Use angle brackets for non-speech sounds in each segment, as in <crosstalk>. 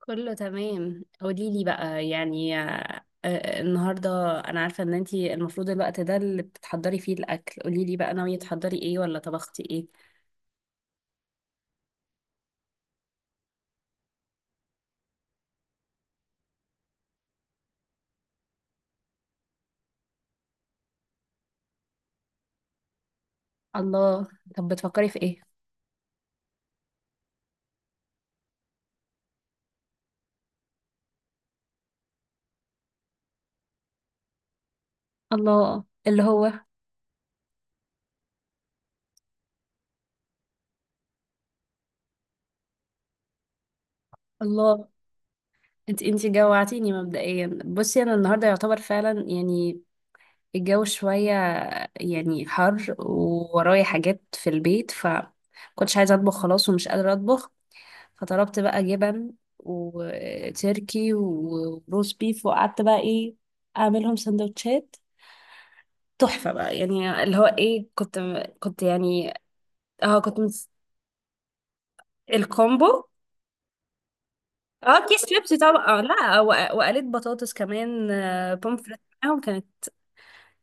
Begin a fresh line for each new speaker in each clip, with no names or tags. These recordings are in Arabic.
كله تمام. قولي لي بقى يعني النهارده انا عارفه ان انتي المفروض الوقت ده اللي بتحضري فيه الاكل. قولي لي بقى، ناويه تحضري ايه ولا طبختي ايه؟ الله. طب بتفكري في ايه؟ الله اللي هو. الله. انت جوعتيني مبدئيا. بصي انا النهارده يعتبر فعلا يعني الجو شويه، يعني حر وورايا حاجات في البيت، ف كنتش عايزه اطبخ خلاص ومش قادره اطبخ. فطلبت بقى جبن وتركي وروز بيف، وقعدت بقى ايه، اعملهم سندوتشات تحفة بقى، يعني اللي هو ايه، كنت يعني... اه كنت مس- الكومبو. اه كيس شيبسي طبعا، آه لا، وقليت بطاطس كمان، بومفريت معاهم كانت.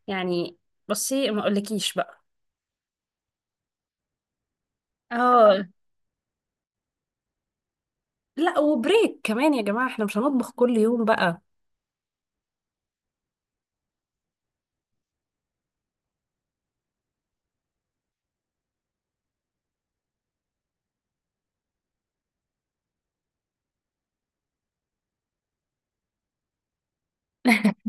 يعني بصي ما اقولكيش بقى. اه، لا وبريك كمان يا جماعة، احنا مش هنطبخ كل يوم بقى! <laughs>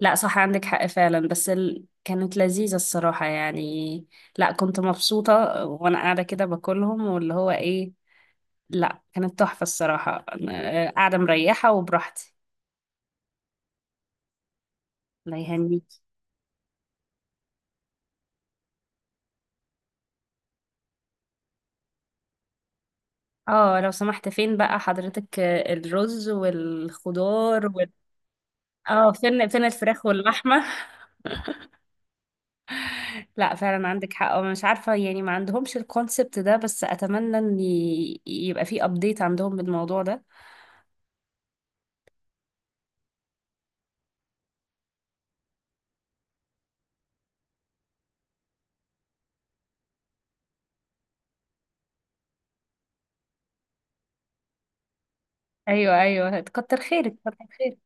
لا صح، عندك حق فعلا. بس كانت لذيذة الصراحة يعني. لا كنت مبسوطة وانا قاعدة كده باكلهم، واللي هو ايه، لا كانت تحفة الصراحة، أنا قاعدة مريحة وبراحتي. الله يهنيكي. اه لو سمحت فين بقى حضرتك الرز والخضار اه، فين فين الفراخ واللحمة؟ <laughs> لا فعلا عندك حق، أنا مش عارفة يعني، ما عندهمش الكونسبت ده، بس اتمنى ان يبقى في ابديت عندهم بالموضوع ده. ايوه، ايوه، كتر خيرك، كتر خيرك.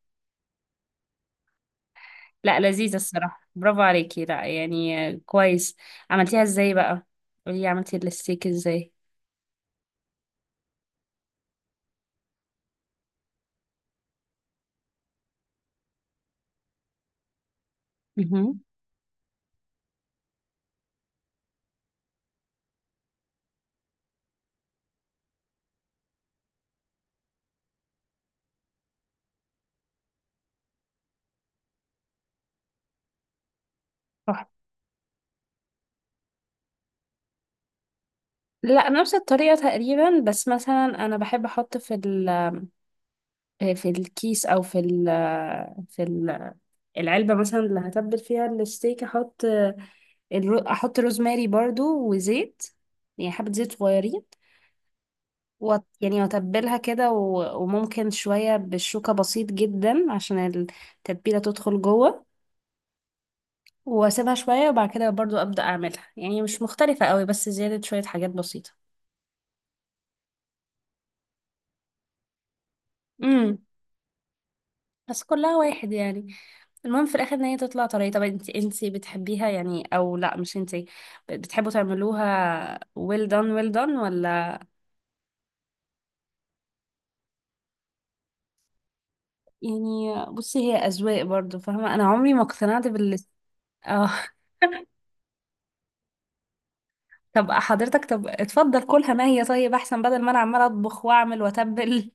لا لذيذة الصراحة، برافو عليكي. لا يعني كويس. عملتيها ازاي بقى؟ قولي عملتي الستيك ازاي؟ مهم. صح. لا نفس الطريقة تقريبا، بس مثلا أنا بحب أحط في ال، في الكيس أو في ال، في ال- العلبة مثلا اللي هتبل فيها الستيك، أحط أحط روزماري برضو وزيت، يعني حبة زيت صغيرين، يعني وأتبلها كده، وممكن شوية بالشوكة، بسيط جدا عشان التتبيلة تدخل جوه. واسيبها شوية وبعد كده برضو ابدأ اعملها، يعني مش مختلفة قوي، بس زيادة شوية حاجات بسيطة. امم، بس كلها واحد يعني. المهم في الاخر ان هي تطلع طريقة. طب انت بتحبيها يعني او لا؟ مش انت بتحبوا تعملوها well done ولا؟ يعني بصي، هي اذواق برضو، فاهمة؟ انا عمري ما اقتنعت بال، اه. <laughs> طب حضرتك، طب اتفضل كلها، ما هي طيب، احسن بدل ما انا عمالة اطبخ واعمل واتبل.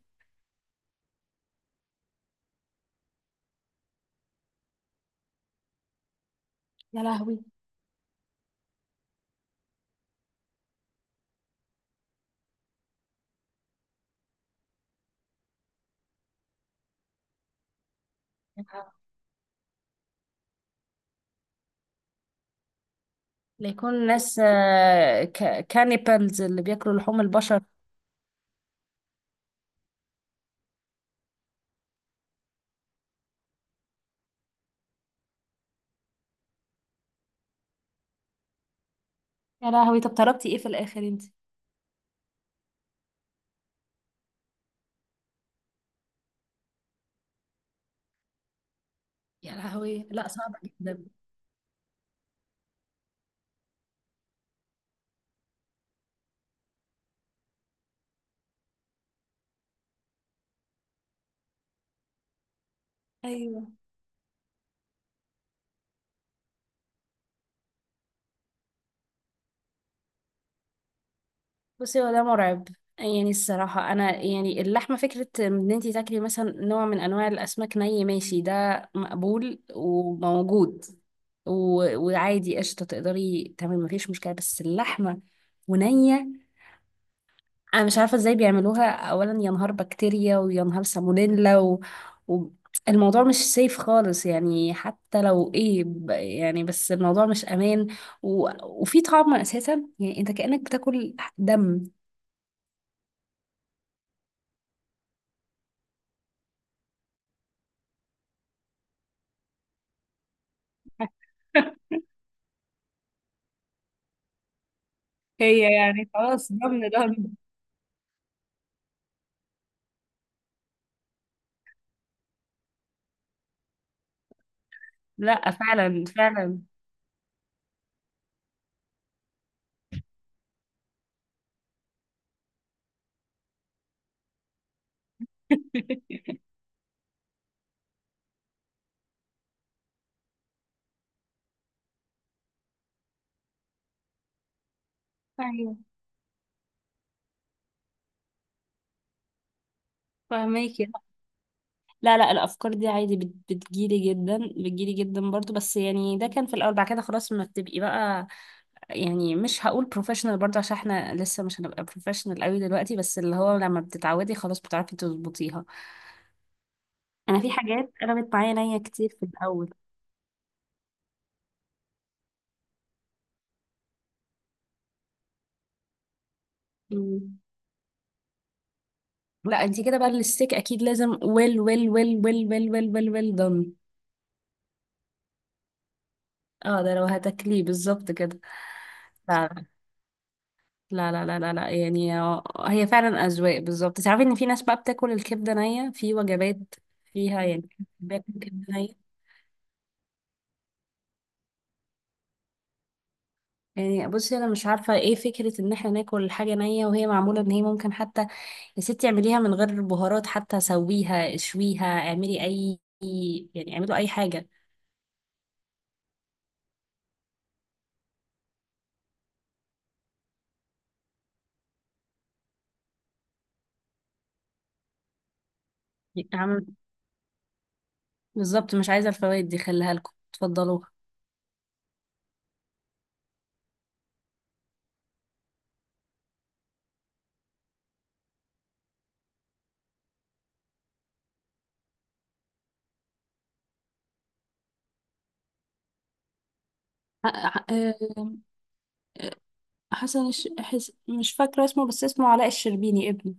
يا لهوي. ليكون ناس كانيبالز اللي بياكلوا لحوم البشر؟ يا لهوي، طب طلبتي ايه في الاخر انت؟ يا لهوي، لا صعب جدا. ايوه. بصي هو ده مرعب يعني. الصراحة أنا يعني اللحمة، فكرة إن أنتي تاكلي مثلا نوع من أنواع الأسماك ني، ماشي، ده مقبول وموجود، و... وعادي قشطة، تقدري تمام مفيش مشكلة، بس اللحمة ونية، انا مش عارفه ازاي بيعملوها. اولا يا نهار بكتيريا، ويا نهار سالمونيلا، و... الموضوع مش سيف خالص يعني، حتى لو ايه يعني، بس الموضوع مش امان، وفي طعم اساسا، يعني انت كأنك بتاكل دم. <laughs> هي يعني خلاص، ضمن ضمن. لا فعلا فعلا. <laughs> ايوه فهماكي. لا لا، الافكار دي عادي بتجيلي جدا، بتجيلي جدا برضو، بس يعني ده كان في الاول، بعد كده خلاص ما بتبقي بقى. يعني مش هقول بروفيشنال برضه، عشان احنا لسه مش هنبقى بروفيشنال قوي دلوقتي، بس اللي هو لما بتتعودي خلاص بتعرفي تظبطيها. انا في حاجات قلبت معايا نية كتير في الاول. مم. لا انت كده بقى الستيك اكيد لازم ويل ويل ويل ويل ويل ويل ويل ويل دون. اه، ده لو هتاكليه بالظبط كده. لا لا لا لا لا لا، يعني هي فعلا اذواق، بالظبط. تعرفي ان في ناس بقى بتاكل الكبده نيه في وجبات فيها يعني؟ <laughs> بتاكل كبده! يعني بصي، انا مش عارفه ايه فكره ان احنا ناكل حاجه نيه وهي معموله، ان هي ممكن حتى، يا ستي اعمليها من غير بهارات حتى، سويها، اشويها، اعملي اي، يعني اعملوا اي حاجه. يعني اعمل، بالظبط، مش عايزه الفوائد دي، خليها لكم اتفضلوها. ح- ح- آه، حسن مش فاكرة اسمه، بس اسمه علاء الشربيني، ابنه.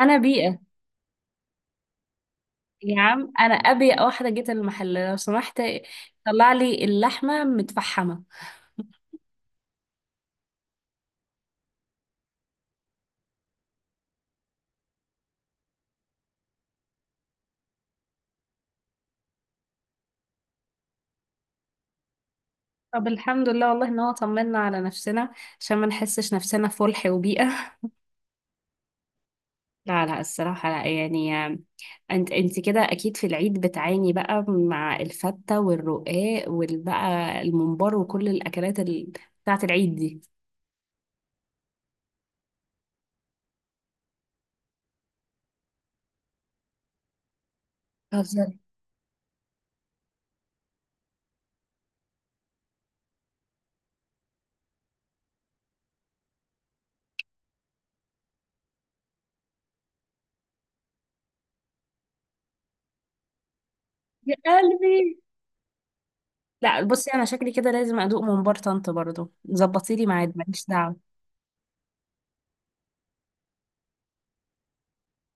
انا بيئه. يا عم انا ابيئ واحده، جيت المحل لو سمحت طلع لي اللحمه متفحمه. طب الحمد لله والله، ان هو طمنا على نفسنا عشان ما نحسش نفسنا في فلح وبيئة. <laughs> لا لا الصراحة، لا يعني. انت كده اكيد في العيد بتعاني بقى مع الفتة والرقاق، والبقى الممبار وكل الاكلات بتاعة العيد دي. بتهزري! يا قلبي. لا بصي، انا شكلي كده لازم ادوق ممبار طنط برضه. ظبطي لي ميعاد، ماليش دعوة.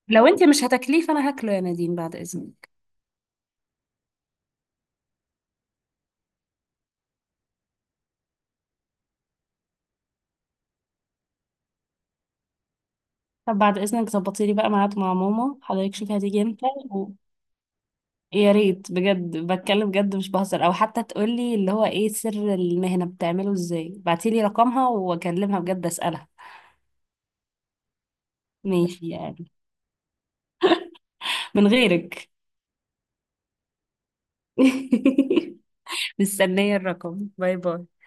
لو انت مش هتاكليه فانا هاكله يا نادين، بعد اذنك. طب بعد اذنك ظبطي لي بقى ميعاد مع ماما حضرتك، شوفي هتيجي امتى. يا ريت بجد، بتكلم بجد مش بهزر، او حتى تقولي اللي هو ايه سر المهنة، بتعمله ازاي، بعتيلي رقمها واكلمها بجد اسألها. ماشي يعني، من غيرك. <laughs> مستنية الرقم. باي باي.